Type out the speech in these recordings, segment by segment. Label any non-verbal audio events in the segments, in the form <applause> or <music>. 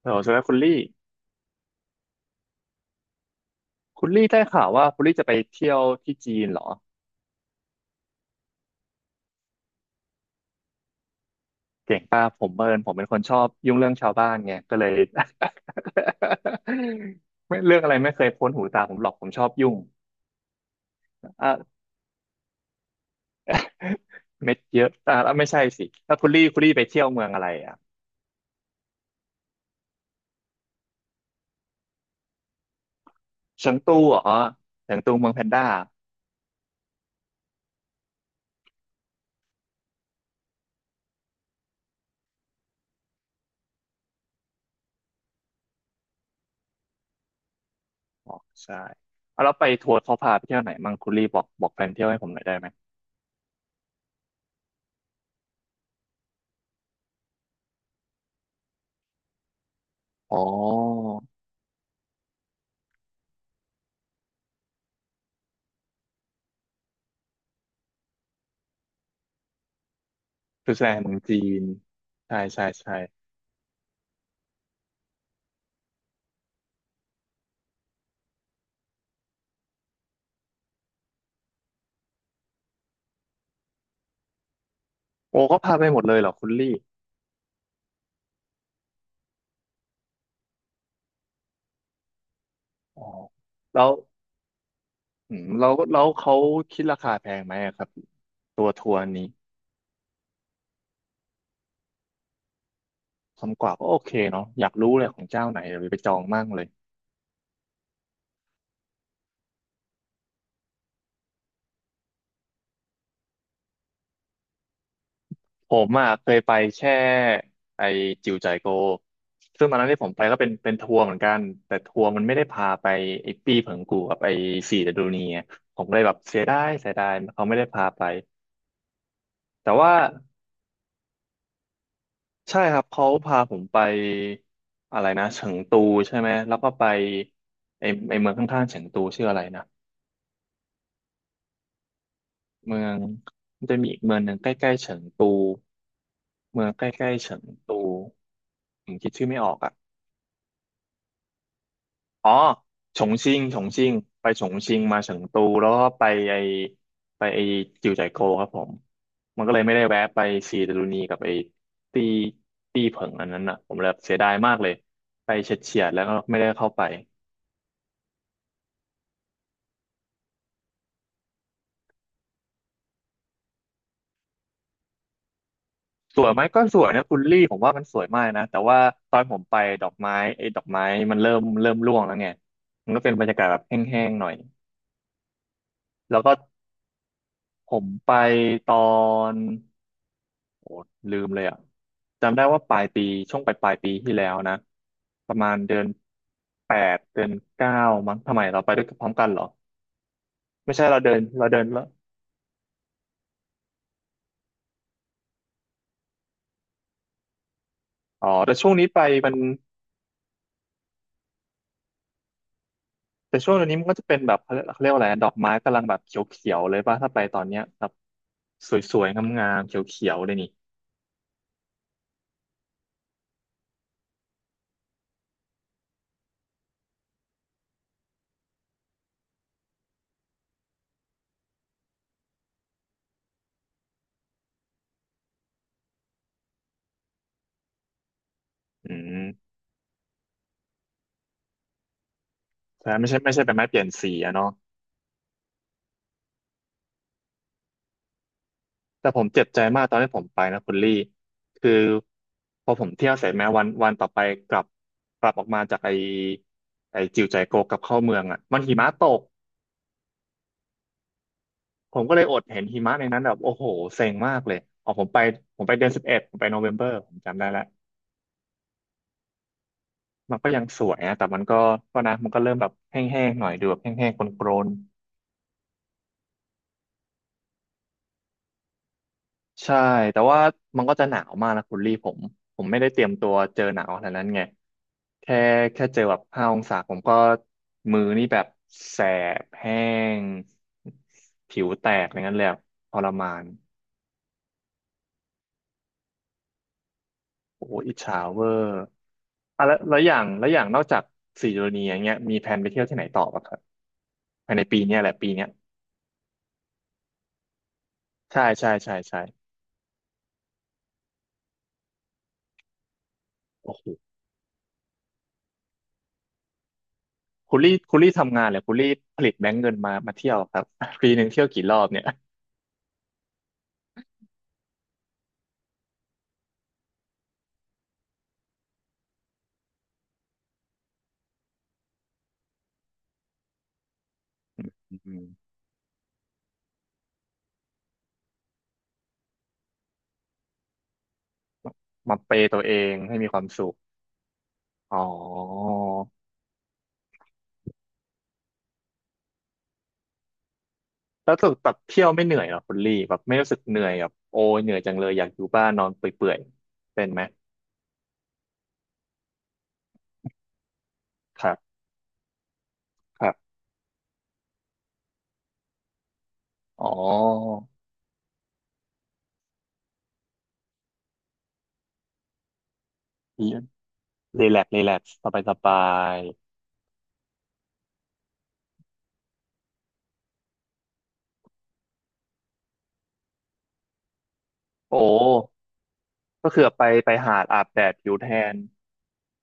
เออสวัสดีครับคุณลี่คุณลี่ได้ข่าวว่าคุณลี่จะไปเที่ยวที่จีนเหรอเก่งป่ะผมเมินผมเป็นคนชอบยุ่งเรื่องชาวบ้านไงก็เลย <laughs> ไม่เรื่องอะไรไม่เคยพ้นหูตาผมหรอกผมชอบยุ่งอ่ะเม็ดเยอะอ่ะแล้วไม่ใช่สิแล้วคุณลี่คุณลี่ไปเที่ยวเมืองอะไรอ่ะเฉิงตูเหรอเฉิงตูเมืองแพนด้าอ๋อใช่เอาแล้วไปทัวร์เขาพาไปเที่ยวไหนมั่งคุณลี่บอกแผนเที่ยวให้ผมหน่อยได้ไหมอ๋อคือแสดงเมืองจีนใช่ใช่ใช่ โอ้ก็พาไปหมดเลยเหรอคุณลี่อ๋อแล้วอืมแล้วเขาคิดราคาแพงไหมอะครับตัวทัวร์นี้คนกว่าก็โอเคเนาะอยากรู้เลยของเจ้าไหนเดี๋ยวไปจองมั่งเลยผมอ่ะเคยไปแค่ไอจิวใจายโกซึ่งตอนนั้นที่ผมไปก็เป็นทัวร์เหมือนกันแต่ทัวร์มันไม่ได้พาไปไอปีเผิงกูกับไอสี่เดอะดูนีอะผมเลยแบบเสียดายเขาไม่ได้พาไปแต่ว่า ใช่ครับเขาพาผมไปอะไรนะเฉิงตูใช่ไหมแล้วก็ไปไอเมืองข้างๆเฉิงตูชื่ออะไรนะเมืองมันจะมีอีกเมืองหนึ่งใกล้ๆเฉิงตูเมืองใกล้ๆเฉิงตูผมคิดชื่อไม่ออกอ่ะอ๋อฉงชิ่งไปฉงชิ่งมาเฉิงตูแล้วก็ไปไอไปไอจิวจ่ายโกวครับผมมันก็เลยไม่ได้แวะไปซีดารุณีกับไอตี้เผิงอันนั้นอ่ะผมเลยเสียดายมากเลยไปเฉียดๆแล้วก็ไม่ได้เข้าไป สวยไหมก็สวยนะคุณลี่ผมว่ามันสวยมากนะแต่ว่าตอนผมไปดอกไม้ไอ้ดอกไม้มันเริ่มร่วงแล้วไงมันก็เป็นบรรยากาศแบบแห้งๆหน่อยแล้วก็ผมไปตอนโอ้ลืมเลยอ่ะจำได้ว่าปลายปีช่วงปลายปีที่แล้วนะประมาณเดือน 8เดือน 9มั้งทำไมเราไปด้วยกันพร้อมกันเหรอไม่ใช่เราเดินเราเดินแล้วอ๋อแต่ช่วงนี้ไปมัน แต่ช่วงนี้มันก็จะเป็นแบบเขาเรียกว่าอะไรดอกไม้กำลังแบบเขียวๆเลยป่ะถ้าไปตอนเนี้ยแบบสวยๆงามๆเขียวๆเลยนี่อืมใช่ไม่ใช่ไม่ใช่เป็นไม้เปลี่ยนสีอะเนาะแต่ผมเจ็บใจมากตอนที่ผมไปนะคุณลี่คือพอผมเที่ยวเสร็จแม้วันต่อไปกลับกลับออกมาจากไอจิวใจโกกลับเข้าเมืองอะมันหิมะตกผมก็เลยอดเห็นหิมะในนั้นแบบโอ้โหเซ็งมากเลยอ๋อผมไปผมไปเดือน 11ผมไปโนเวมเบอร์ผมจำได้แล้ว มันก็ยังสวยนะแต่มันก็ก็นะมันก็เริ่มแบบแห้งๆหน่อยดูแบบแห้งๆโกรนๆใช่ แต่ว่ามันก็จะหนาวมากนะคุณลี่ผม ผมไม่ได้เตรียมตัวเจอหนาวขนาดนั้นไง แค่แค่เจอแบบ5 องศาผมก็มือนี่แบบแสบแห้งผิวแตกอะไรเงี้ยเลยอะทรมาน โอ้โหอิจฉาเวอร์อ่ะแล้วแล้วอย่างแล้วอย่างนอกจากสี่โดนีอย่างเงี้ยมีแผนไปเที่ยวที่ไหนต่อป่ะครับภายในปีเนี้ยแหละปีเนี้ยใช่ใช่ใช่ใช่โอ้โห คุณลี่คุณลี่ทำงานเลยคุณลี่ผลิตแบงก์เงินมาเที่ยวครับ <laughs> ปีหนึ่งเที่ยวกี่รอบเนี่ยอืมมาเปย์ตัวเองให้มีความสุขอ๋อแล้วสึกแบบเที่ยวไม่เหนื่อยเหรอคุณลี่แบบไม่รู้สึกเหนื่อยแบบโอ้ยเหนื่อยจังเลยอยากอยู่บ้านนอนเปื่อยๆเป็นไหมครับครับอ๋อรีแลกซ์รีแลกซ์สบายสบายโอ้ก็คือไปไปหาดอาบแดดผิวแทน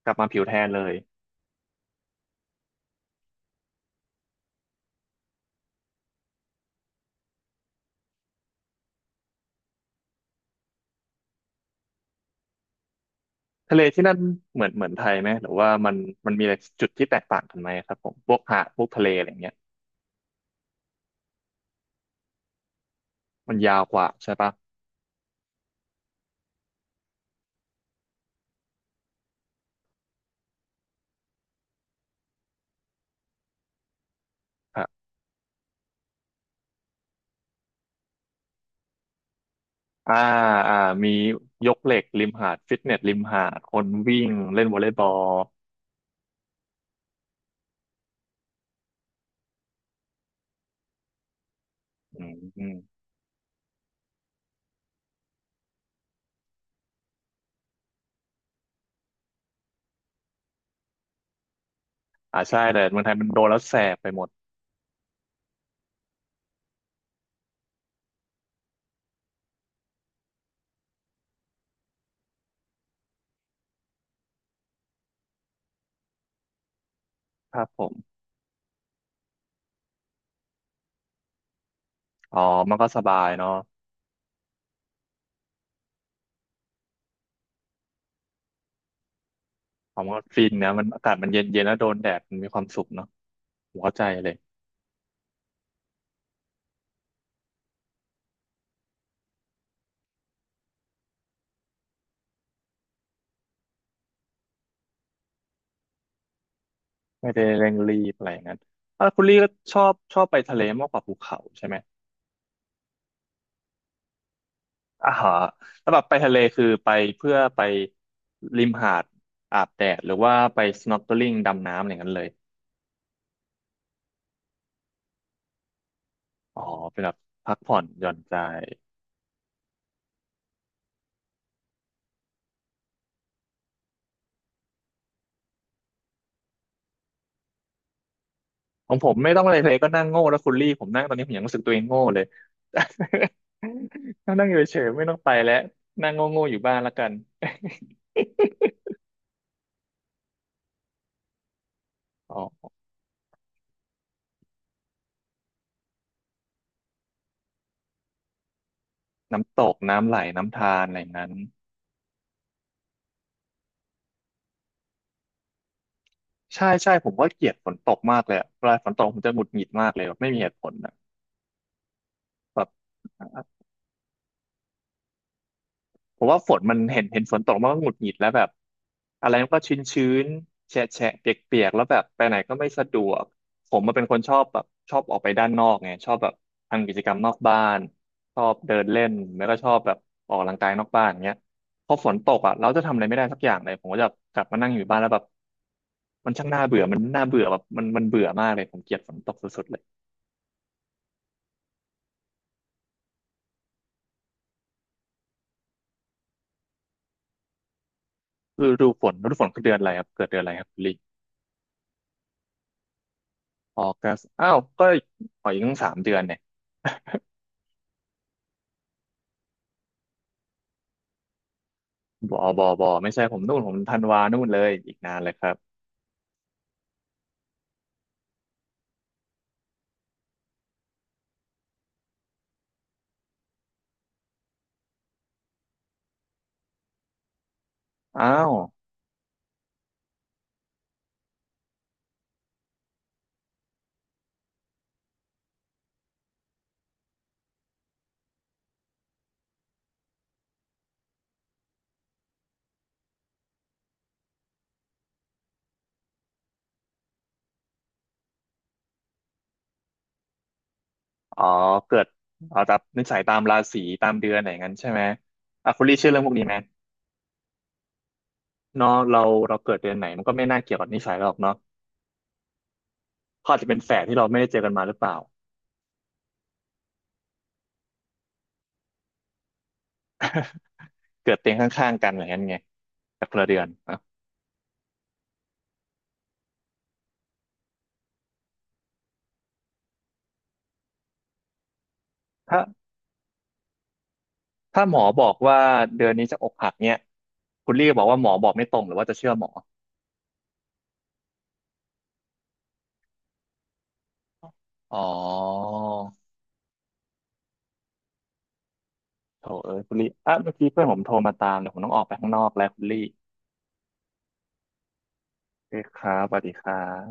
กลับมาผิวแทนเลย ทะเลที่นั่นเหมือนเหมือนไทยไหมหรือว่ามันมันมีอะไรจุดที่แตกต่างกันไหมครับผมพวกหาดพวกทะเลอะไรเงี้ยมันยาวกว่าใช่ปะครับอ่าอ่ามียกเหล็กริมหาดฟิตเนสริมหาดคนวิ่งเล่นวอลเลย์บอลอืมอมอ่าใช่แต่เมืองไทยมันโดนแล้วแสบไปหมดครับผมอ๋อมันก็สบายเนาะอ๋อมันก็ฟินนะมันอากาศมันเย็นเย็นแล้วโดนแดดมันมีความสุขเนาะหัวใจเลยไม่ได้เร่งรีบอะไรอย่างนั้นอ่ะคุณลี่ก็ชอบไปทะเลมากกว่าภูเขาใช่ไหม อ่าฮะแล้วแบบไปทะเลคือไปเพื่อไปริมหาดอาบแดดหรือว่าไป snorkeling ดำน้ำอะไรอย่างนั้นเลยอ๋อเป็นแบบพักผ่อนหย่อนใจของผมไม่ต้องอะไรเลยก็นั่งโง่แล้วคุณลี่ผมนั่งตอนนี้ผมยังรู้สึกตัวเองโง่เลย <laughs> นั่งนั่งอยู่เฉยๆไม่ต้องไปแล้วนั่งโง่ๆอยู่บ้านแล้วกัน <laughs> อ๋อน้ำตกน้ำไหลน้ำธารอะไรอย่างนั้นใช่ใช่ผมว่าเกลียดฝนตกมากเลยอะเวลาฝนตกผมจะหงุดหงิดมากเลยแบบไม่มีเหตุผลนะแบบ ผมว่าฝนมันเห็นฝนตกมันก็หงุดหงิดแล้วแบบอะไรมันก็ชื้นชื้นแฉะแฉะเปียกเปียกๆแล้วแบบไปไหนก็ไม่สะดวกผมมันเป็นคนชอบแบบชอบออกไปด้านนอกไงชอบแบบทำกิจกรรมนอกบ้านชอบเดินเล่นแล้วก็ชอบแบบออกกำลังกายนอกบ้านอย่างเงี้ยพอฝนตกอ่ะเราจะทำอะไรไม่ได้สักอย่างเลยผมก็จะกลับมานั่งอยู่บ้านแล้วแบบมันช่างน่าเบื่อมันน่าเบื่อแบบมันเบื่อมากเลยผมเกลียดฝนตกสุดๆเลยฤดูฝนคือเดือนอะไรครับเกิดเดือนอะไรครับคุณลิออกัสอ้าวก็อีกอออีกตั้งสามเดือนเนี่ย บอไม่ใช่ผมนู่นผมธันวานู่นเลยอีกนานเลยครับอ้าวอ๋อเกิดเอาตามนิสัยตามราศีตามเดือนอะไรอย่างนั้นใช่ไหมอ่ะคุณลี่เชื่อเรื่องพวกนี้ไหมเนาะเราเราเกิดเดือนไหนมันก็ไม่น่าเกี่ยวกับนิสัยเราหรอกเนาะเขาอาจจะเป็นแฝดที่เราไม่ได้เจอกันมาหรือเปล่า <laughs> เกิดเตียงข้างๆกันอะไรอย่างนั้นไงแต่คนละเดือนอ่ะถ้าถ้าหมอบอกว่าเดือนนี้จะอกหักเนี่ยคุณลี่บอกว่าหมอบอกไม่ตรงหรือว่าจะเชื่อหมออ๋อ โถเอ้ยคุณลี่ อ่ะเมื่อกี้เพื่อนผมโทรมาตามเดี๋ยวผมต้องออกไปข้างนอกแล้วคุณลี่โอเคครับสวัสดีครับ